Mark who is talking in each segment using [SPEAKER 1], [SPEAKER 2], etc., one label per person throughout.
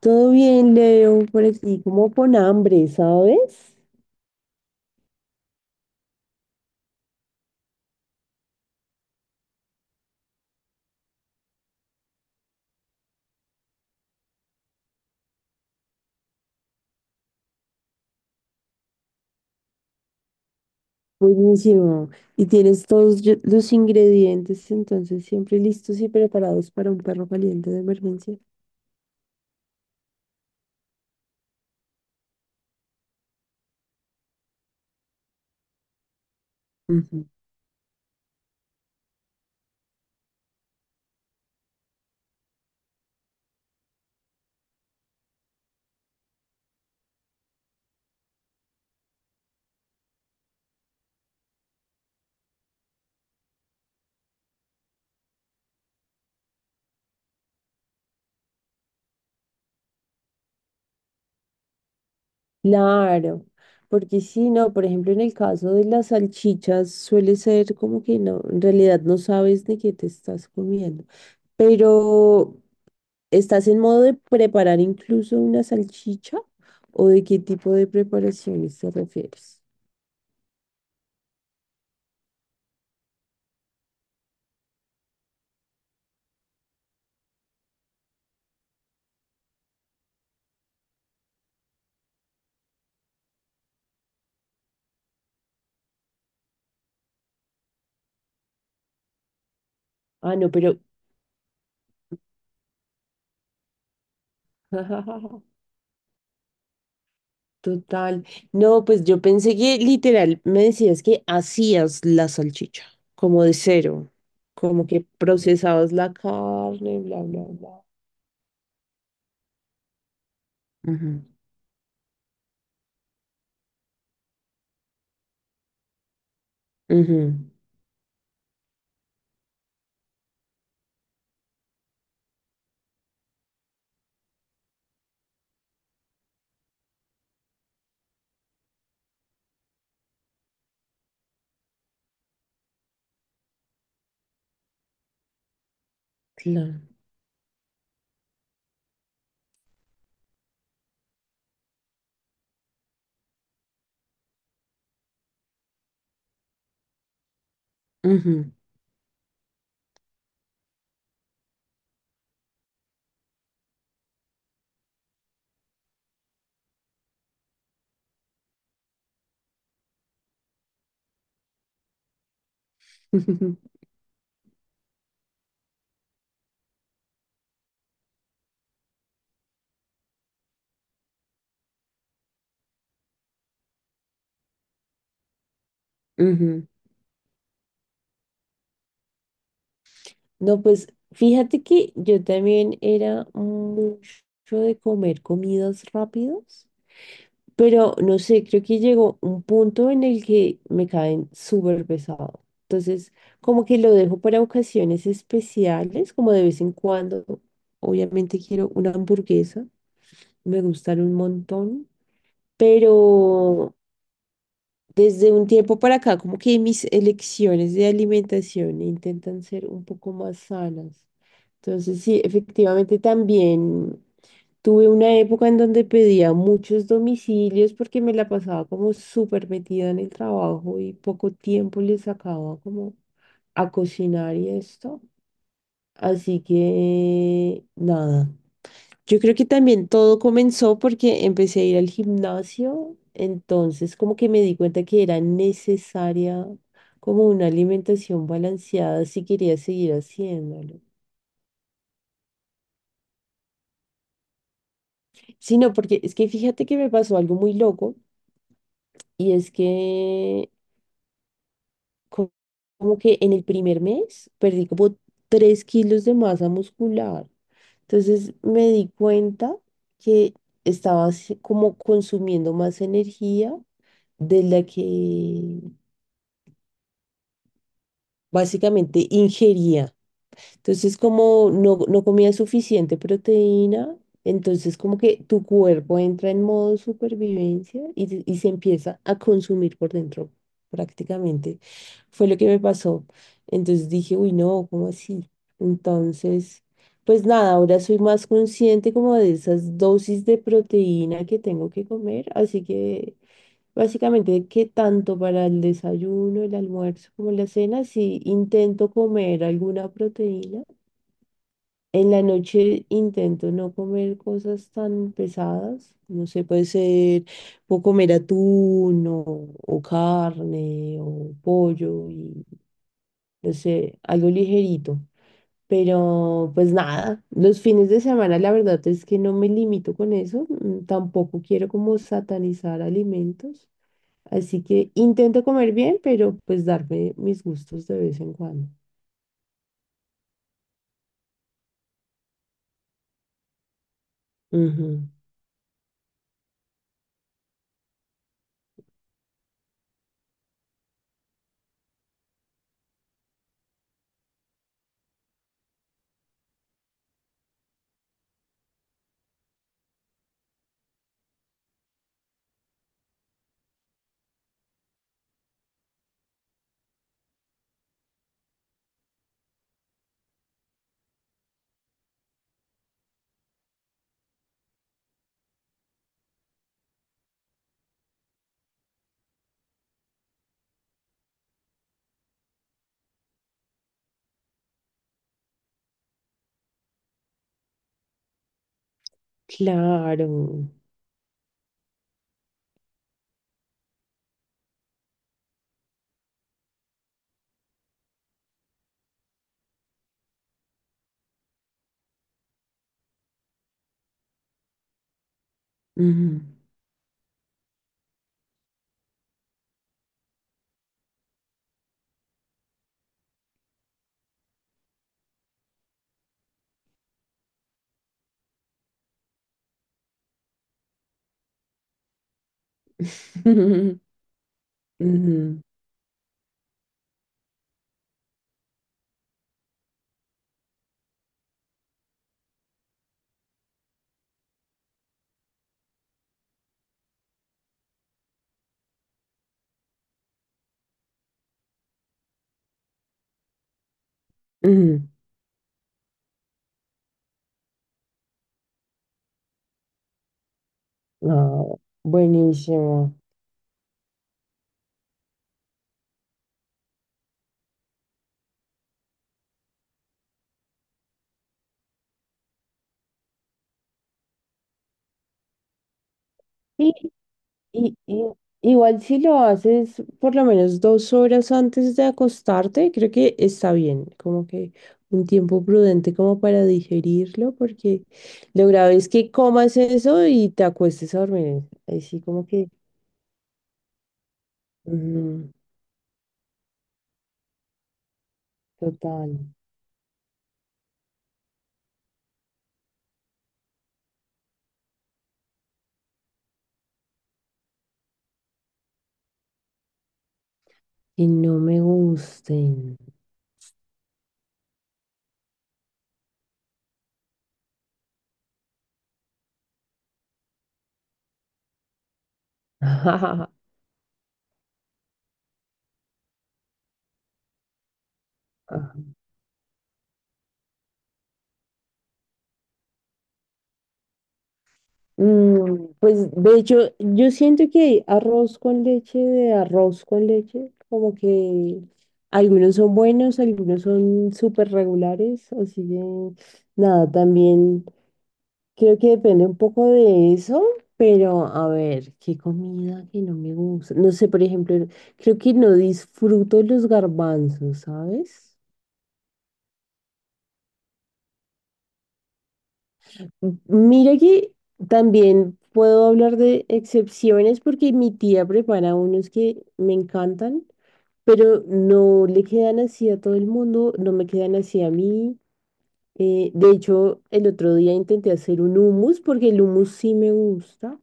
[SPEAKER 1] Todo bien, Leo, por aquí como con hambre, ¿sabes? Buenísimo. Y tienes todos los ingredientes, entonces siempre listos y preparados para un perro caliente de emergencia. Ujú. Claro, porque si no, por ejemplo, en el caso de las salchichas suele ser como que no, en realidad no sabes de qué te estás comiendo. Pero, ¿estás en modo de preparar incluso una salchicha? ¿O de qué tipo de preparaciones te refieres? Ah, no, pero Total. No, pues yo pensé que literal me decías que hacías la salchicha, como de cero, como que procesabas la carne, bla, bla, bla. Ujú, ujú, claro. Ujú, ujú. No, pues fíjate que yo también era mucho de comer comidas rápidas. Pero no sé, creo que llegó un punto en el que me caen súper pesado. Entonces, como que lo dejo para ocasiones especiales, como de vez en cuando. Obviamente quiero una hamburguesa, me gustan un montón, pero desde un tiempo para acá, como que mis elecciones de alimentación intentan ser un poco más sanas. Entonces, sí, efectivamente también. Tuve una época en donde pedía muchos domicilios porque me la pasaba como súper metida en el trabajo y poco tiempo le sacaba como a cocinar y esto. Así que nada, yo creo que también todo comenzó porque empecé a ir al gimnasio, entonces como que me di cuenta que era necesaria como una alimentación balanceada si quería seguir haciéndolo. Sí, no, porque es que fíjate que me pasó algo muy loco y es que co- como que en el primer mes perdí como 3 kilos de masa muscular. Entonces me di cuenta que estaba así como consumiendo más energía de la que básicamente ingería. Entonces, como no, no comías suficiente proteína, entonces como que tu cuerpo entra en modo supervivencia y, y se empieza a consumir por dentro, prácticamente. Fue lo que me pasó. Entonces dije, uy, no, ¿cómo así? Entonces, pues nada, ahora soy más consciente como de esas dosis de proteína que tengo que comer, así que... Básicamente que tanto para el desayuno, el almuerzo como la cena, si intento comer alguna proteína, en la noche intento no comer cosas tan pesadas, no sé, puede ser, puedo comer atún o carne o pollo y no sé, algo ligerito. Pero pues nada, los fines de semana la verdad es que no me limito con eso, tampoco quiero como satanizar alimentos, así que intento comer bien, pero pues darme mis gustos de vez en cuando. Ujú, claro. Ujú. Ujú, ujú. No, buenísimo. Y, y- y- igual si lo haces por lo menos 2 horas antes de acostarte, creo que está bien, como que un tiempo prudente como para digerirlo, porque lo grave es que comas eso y te acuestes a dormir. Así como que, ujú, total, que no me gusten. Mm, pues de hecho, yo siento que arroz con leche, de arroz con leche, como que algunos son buenos, algunos son súper regulares, así que nada, también creo que depende un poco de eso, pero a ver, qué comida que no me gusta. No sé, por ejemplo, creo que no disfruto los garbanzos, ¿sabes? Mira que también puedo hablar de excepciones porque mi tía prepara unos que me encantan, pero no le quedan así a todo el mundo, no me quedan así a mí. De hecho, el otro día intenté hacer un hummus porque el hummus sí me gusta,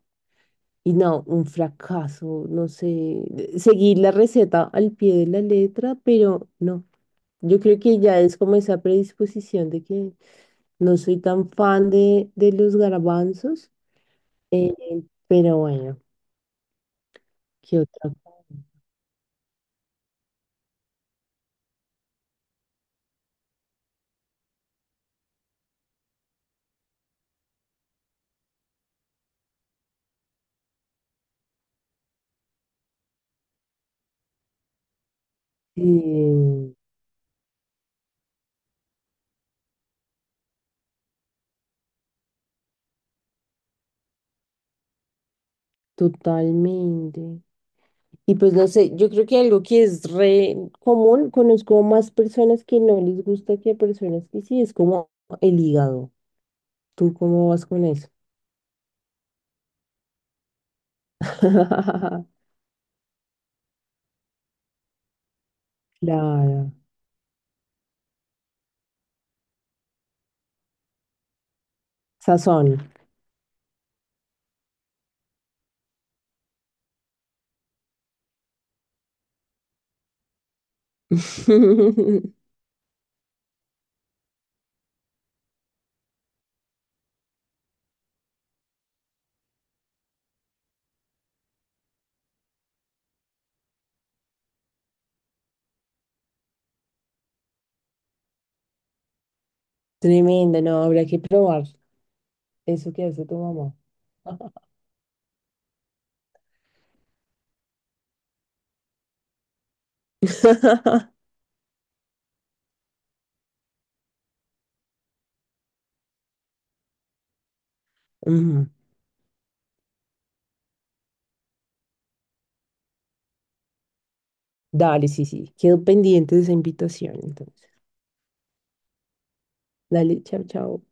[SPEAKER 1] y no, un fracaso, no sé, seguir la receta al pie de la letra, pero no. Yo creo que ya es como esa predisposición de que no soy tan fan de los garbanzos, eh, pero bueno, ¿qué otra cosa? Eh, Totalmente. Y pues no sé, yo creo que algo que es re común, conozco más personas que no les gusta que personas que sí, es como el hígado. ¿Tú cómo vas con eso? Claro, sazón. Tremendo, no, habrá que probar eso que hace tu mamá. Ujú. Dale, sí, sí, quedo pendiente de esa invitación, entonces. Dale, chao, chao.